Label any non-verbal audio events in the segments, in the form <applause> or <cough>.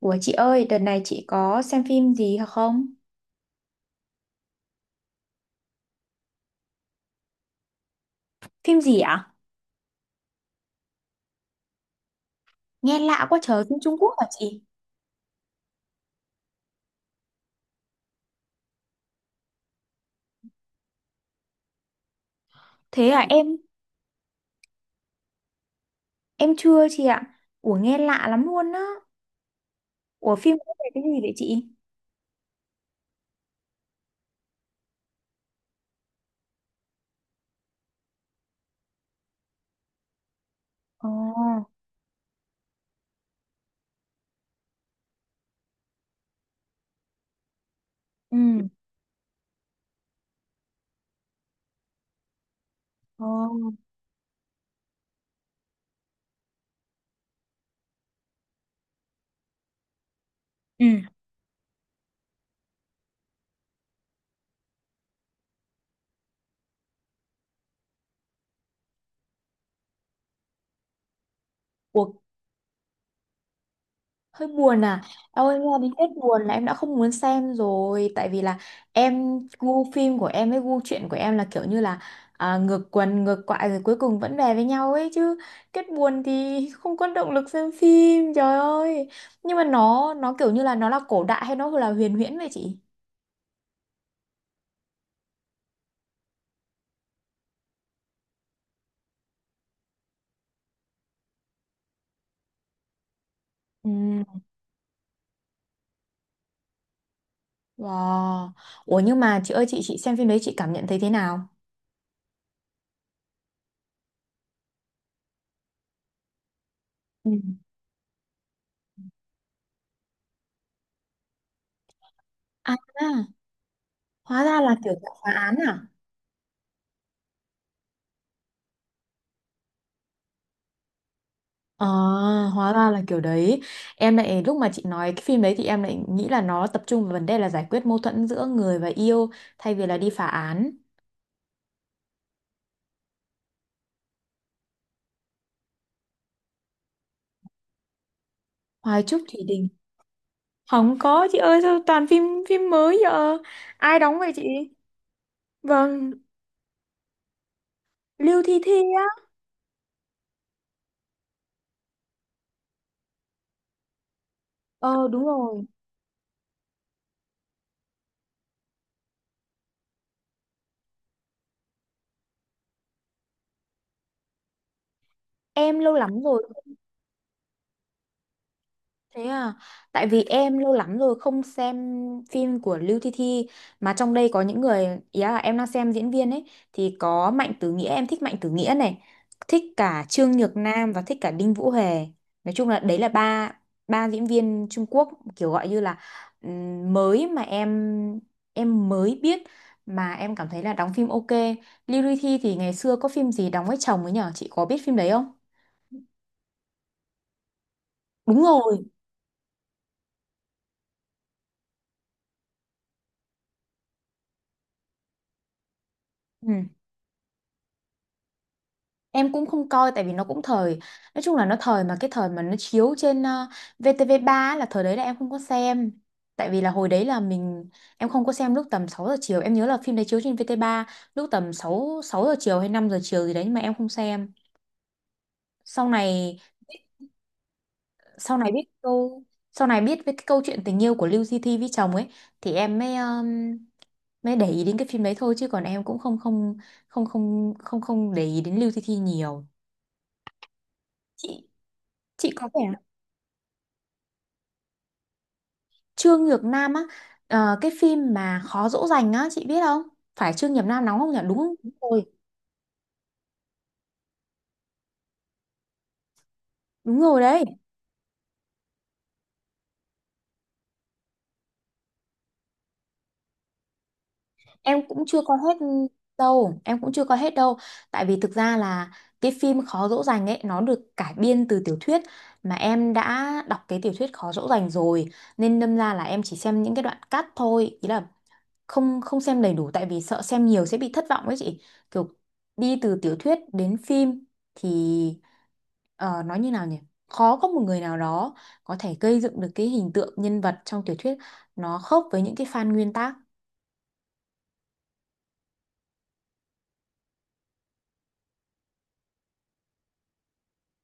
Ủa chị ơi, đợt này chị có xem phim gì hả không? Phim gì ạ? Nghe lạ quá trời, phim Trung Quốc hả chị? Thế à em chưa chị ạ. Ủa nghe lạ lắm luôn á. Ủa phim có về cái gì vậy chị? Ồ, ừ. Ờ, Ừ. Ủa hơi buồn à em ơi nghe đến kết buồn là em đã không muốn xem rồi tại vì là em gu phim của em với gu truyện của em là kiểu như là ngược quần ngược quại rồi cuối cùng vẫn về với nhau ấy chứ, kết buồn thì không có động lực xem phim trời ơi. Nhưng mà nó kiểu như là nó là cổ đại hay nó là huyền huyễn vậy chị? Ừ. Wow. Ủa nhưng mà chị ơi, chị xem phim đấy chị cảm nhận thấy thế nào? Ừ. À, hóa ra là kiểu dạng phá án à? À, hóa ra là kiểu đấy. Em lại lúc mà chị nói cái phim đấy thì em lại nghĩ là nó tập trung vào vấn đề là giải quyết mâu thuẫn giữa người và yêu, thay vì là đi phá án. Hoài Trúc Thủy Đình. Không có chị ơi, sao toàn phim phim mới giờ. Ai đóng vậy chị? Vâng, Lưu Thi Thi á. Ờ đúng rồi. Em lâu lắm rồi. Thế à, tại vì em lâu lắm rồi không xem phim của Lưu Thi Thi, mà trong đây có những người ý là em đang xem diễn viên ấy thì có Mạnh Tử Nghĩa, em thích Mạnh Tử Nghĩa này, thích cả Trương Nhược Nam và thích cả Đinh Vũ Hề. Nói chung là đấy là ba ba diễn viên Trung Quốc, kiểu gọi như là mới mà em mới biết mà em cảm thấy là đóng phim ok. Lưu Thi Thi thì ngày xưa có phim gì đóng với chồng ấy nhở, chị có biết phim đấy không? Đúng rồi. Ừ. Em cũng không coi tại vì nó cũng thời. Nói chung là nó thời mà cái thời mà nó chiếu trên VTV3 là thời đấy là em không có xem. Tại vì là hồi đấy là mình, em không có xem lúc tầm 6 giờ chiều. Em nhớ là phim đấy chiếu trên VTV3 lúc tầm 6 6 giờ chiều hay 5 giờ chiều gì đấy. Nhưng mà em không xem. Sau này biết câu, sau này biết với cái câu chuyện tình yêu của Lưu Di Thi với chồng ấy, thì em mới mới để ý đến cái phim đấy thôi. Chứ còn em cũng không không không không không không để ý đến Lưu Di Thi nhiều. Chị chị có vẻ Trương Nhược Nam á, cái phim mà Khó dỗ dành á chị biết không, phải Trương Nhược Nam đóng không nhỉ, đúng không, đúng rồi, đúng rồi đấy. Em cũng chưa coi hết đâu, em cũng chưa coi hết đâu, tại vì thực ra là cái phim Khó dỗ dành ấy nó được cải biên từ tiểu thuyết mà em đã đọc cái tiểu thuyết Khó dỗ dành rồi, nên đâm ra là em chỉ xem những cái đoạn cắt thôi, ý là không không xem đầy đủ tại vì sợ xem nhiều sẽ bị thất vọng ấy chị. Kiểu đi từ tiểu thuyết đến phim thì nói như nào nhỉ, khó có một người nào đó có thể gây dựng được cái hình tượng nhân vật trong tiểu thuyết nó khớp với những cái fan nguyên tác.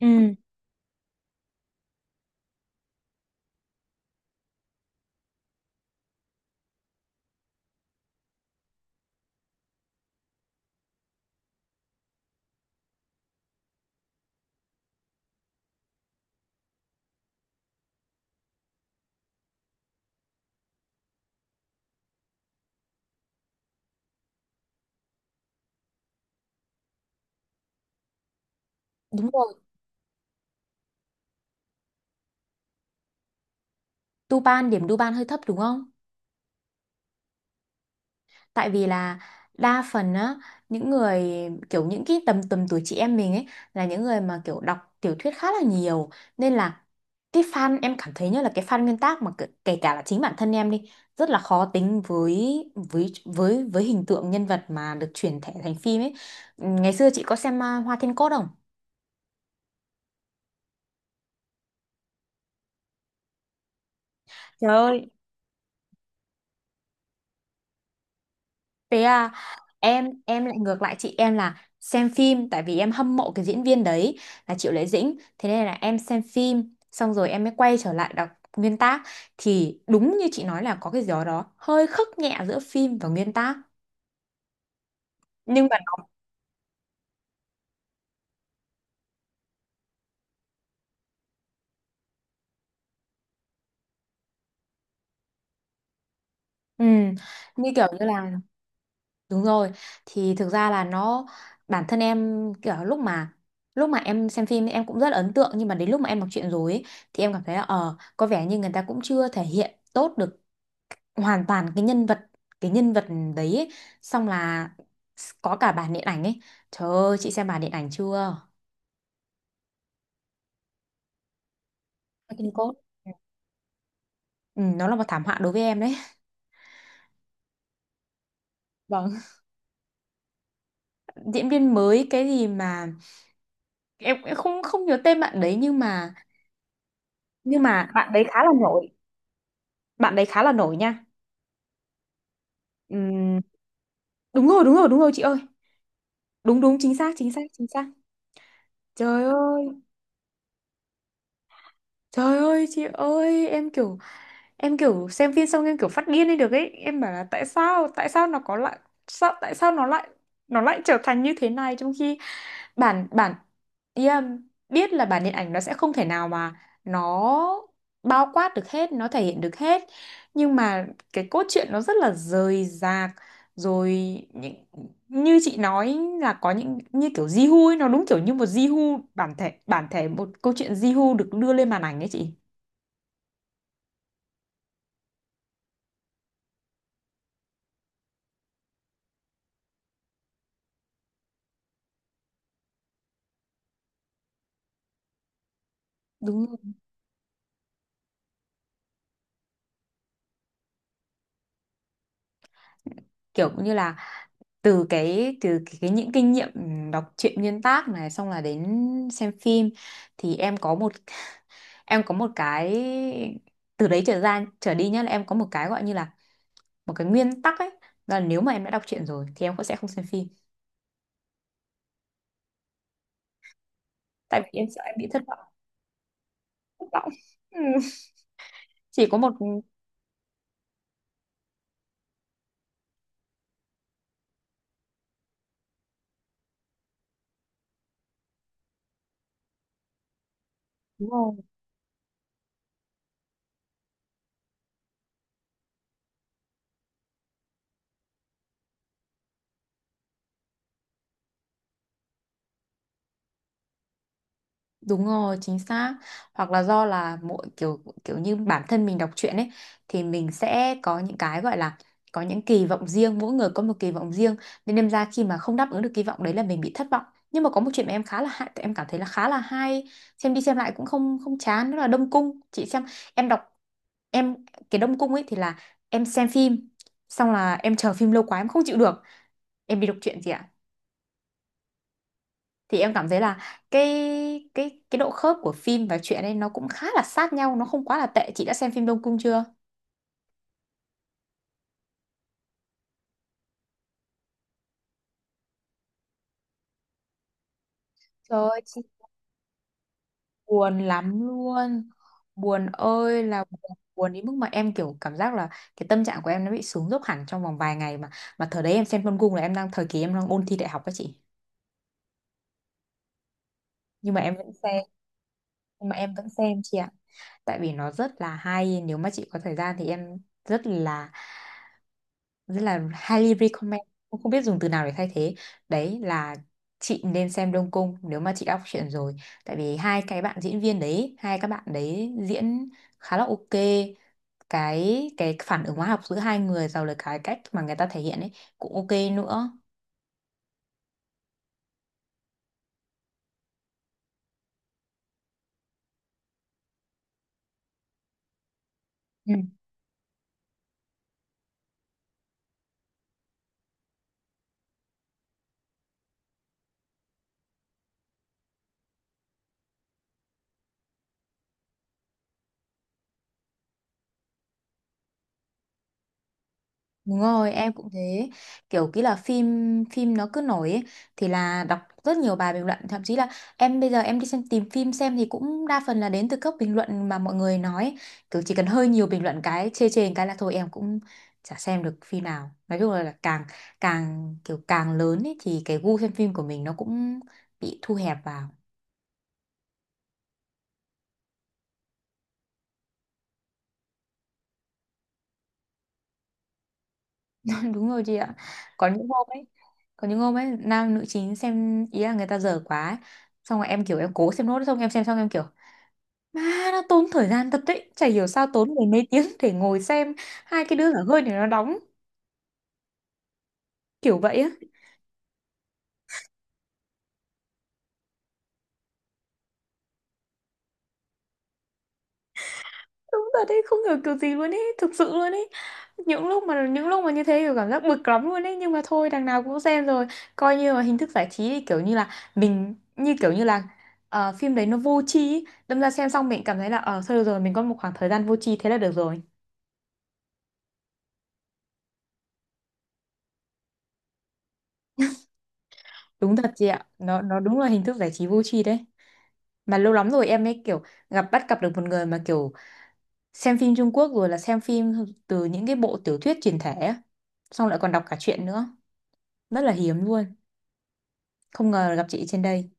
Ừ. Đúng rồi. Tupan điểm, Tupan hơi thấp đúng không? Tại vì là đa phần á, những người kiểu những cái tầm tầm tuổi chị em mình ấy, là những người mà kiểu đọc tiểu thuyết khá là nhiều, nên là cái fan em cảm thấy như là cái fan nguyên tác, mà kể kể cả là chính bản thân em đi, rất là khó tính với hình tượng nhân vật mà được chuyển thể thành phim ấy. Ngày xưa chị có xem Hoa Thiên Cốt không? Trời ơi, thế à, em lại ngược lại chị, em là xem phim tại vì em hâm mộ cái diễn viên đấy là Triệu Lệ Dĩnh, thế nên là em xem phim xong rồi em mới quay trở lại đọc nguyên tác, thì đúng như chị nói là có cái gì đó hơi khắc nhẹ giữa phim và nguyên tác. Nhưng mà nó- ừ, như kiểu như là, đúng rồi, thì thực ra là nó, bản thân em kiểu lúc mà em xem phim em cũng rất là ấn tượng, nhưng mà đến lúc mà em đọc truyện rồi ấy, thì em cảm thấy là có vẻ như người ta cũng chưa thể hiện tốt được hoàn toàn cái nhân vật, cái nhân vật đấy ấy. Xong là có cả bản điện ảnh ấy, trời ơi chị xem bản điện ảnh chưa, King Code, ừ, nó là một thảm họa đối với em đấy. <laughs> Vâng, diễn viên mới cái gì mà em cũng không không nhớ tên bạn đấy, nhưng mà, nhưng mà bạn đấy khá là nổi, bạn đấy khá là nổi nha. Ừm, đúng rồi đúng rồi đúng rồi chị ơi, đúng đúng, chính xác chính xác chính xác. Trời ơi. Trời ơi chị ơi, em kiểu, em kiểu xem phim xong em kiểu phát điên lên được ấy, em bảo là tại sao, tại sao nó có lại, sao tại sao nó lại, nó lại trở thành như thế này trong khi bản bản yeah, biết là bản điện ảnh nó sẽ không thể nào mà nó bao quát được hết, nó thể hiện được hết, nhưng mà cái cốt truyện nó rất là rời rạc rồi, những, như chị nói là có những như kiểu Jihoo ấy, nó đúng kiểu như một Jihoo bản thể một câu chuyện Jihoo được đưa lên màn ảnh ấy chị. Đúng rồi. Kiểu cũng như là, từ cái những kinh nghiệm đọc truyện nguyên tác này xong là đến xem phim, thì em có một, em có một cái từ đấy trở ra trở đi nhá, là em có một cái gọi như là một cái nguyên tắc ấy, là nếu mà em đã đọc truyện rồi thì em cũng sẽ không xem phim, tại vì em sợ em bị thất vọng, thất vọng. <laughs> Ừ. Chỉ có một. Đúng rồi. Đúng rồi, chính xác. Hoặc là do là mỗi kiểu kiểu như bản thân mình đọc truyện ấy, thì mình sẽ có những cái gọi là có những kỳ vọng riêng, mỗi người có một kỳ vọng riêng, nên đâm ra khi mà không đáp ứng được kỳ vọng đấy là mình bị thất vọng. Nhưng mà có một chuyện mà em khá là hay, em cảm thấy là khá là hay, xem đi xem lại cũng không không chán, đó là Đông Cung. Chị xem, em đọc, em, cái Đông Cung ấy thì là em xem phim, xong là em chờ phim lâu quá em không chịu được, em đi đọc truyện gì ạ? Thì em cảm thấy là cái độ khớp của phim và truyện ấy nó cũng khá là sát nhau, nó không quá là tệ. Chị đã xem phim Đông Cung chưa? Trời ơi chị, buồn lắm luôn, buồn ơi là buồn, buồn đến mức mà em kiểu cảm giác là cái tâm trạng của em nó bị xuống dốc hẳn trong vòng vài ngày, mà thời đấy em xem Đông Cung là em đang thời kỳ em đang ôn thi đại học các chị, nhưng mà em vẫn xem, nhưng mà em vẫn xem chị ạ, tại vì nó rất là hay, nếu mà chị có thời gian thì em rất là, rất là highly recommend, cũng không biết dùng từ nào để thay thế, đấy là chị nên xem Đông Cung nếu mà chị đọc truyện rồi, tại vì hai cái bạn diễn viên đấy, hai các bạn đấy diễn khá là ok, cái phản ứng hóa học giữa hai người rồi là cái cách mà người ta thể hiện ấy cũng ok nữa. Ừ. Đúng rồi, em cũng thế. Kiểu kỹ là phim phim nó cứ nổi ấy, thì là đọc rất nhiều bài bình luận, thậm chí là em bây giờ em đi xem tìm phim xem thì cũng đa phần là đến từ các bình luận mà mọi người nói, kiểu chỉ cần hơi nhiều bình luận cái chê chê cái là thôi em cũng chả xem được phim nào. Nói chung là càng, càng kiểu càng lớn ấy thì cái gu xem phim của mình nó cũng bị thu hẹp vào. <laughs> Đúng rồi chị ạ. Có những hôm ấy, có những hôm ấy nam nữ chính xem ý là người ta dở quá ấy, xong rồi em kiểu em cố xem nốt, xong em xem xong em kiểu má, nó tốn thời gian thật đấy. Chả hiểu sao tốn mười mấy tiếng để ngồi xem hai cái đứa dở hơi này nó đóng kiểu vậy á. Đúng thật đấy, không hiểu kiểu gì luôn ấy, thực sự luôn ấy. Những lúc mà như thế kiểu cảm giác bực lắm luôn ấy, nhưng mà thôi đằng nào cũng xem rồi. Coi như là hình thức giải trí thì kiểu như là mình như kiểu như là phim đấy nó vô tri ý. Đâm ra xem xong mình cảm thấy là thôi được rồi, mình có một khoảng thời gian vô tri thế là được rồi. Đúng thật chị ạ. Nó đúng là hình thức giải trí vô tri đấy. Mà lâu lắm rồi em ấy kiểu bắt gặp được một người mà kiểu xem phim Trung Quốc rồi là xem phim từ những cái bộ tiểu thuyết truyền thể á, xong lại còn đọc cả truyện nữa, rất là hiếm luôn, không ngờ gặp chị trên đây.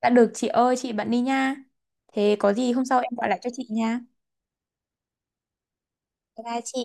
Đã được chị ơi, chị bận đi nha, thế có gì hôm sau em gọi lại cho chị nha. Bye bye chị.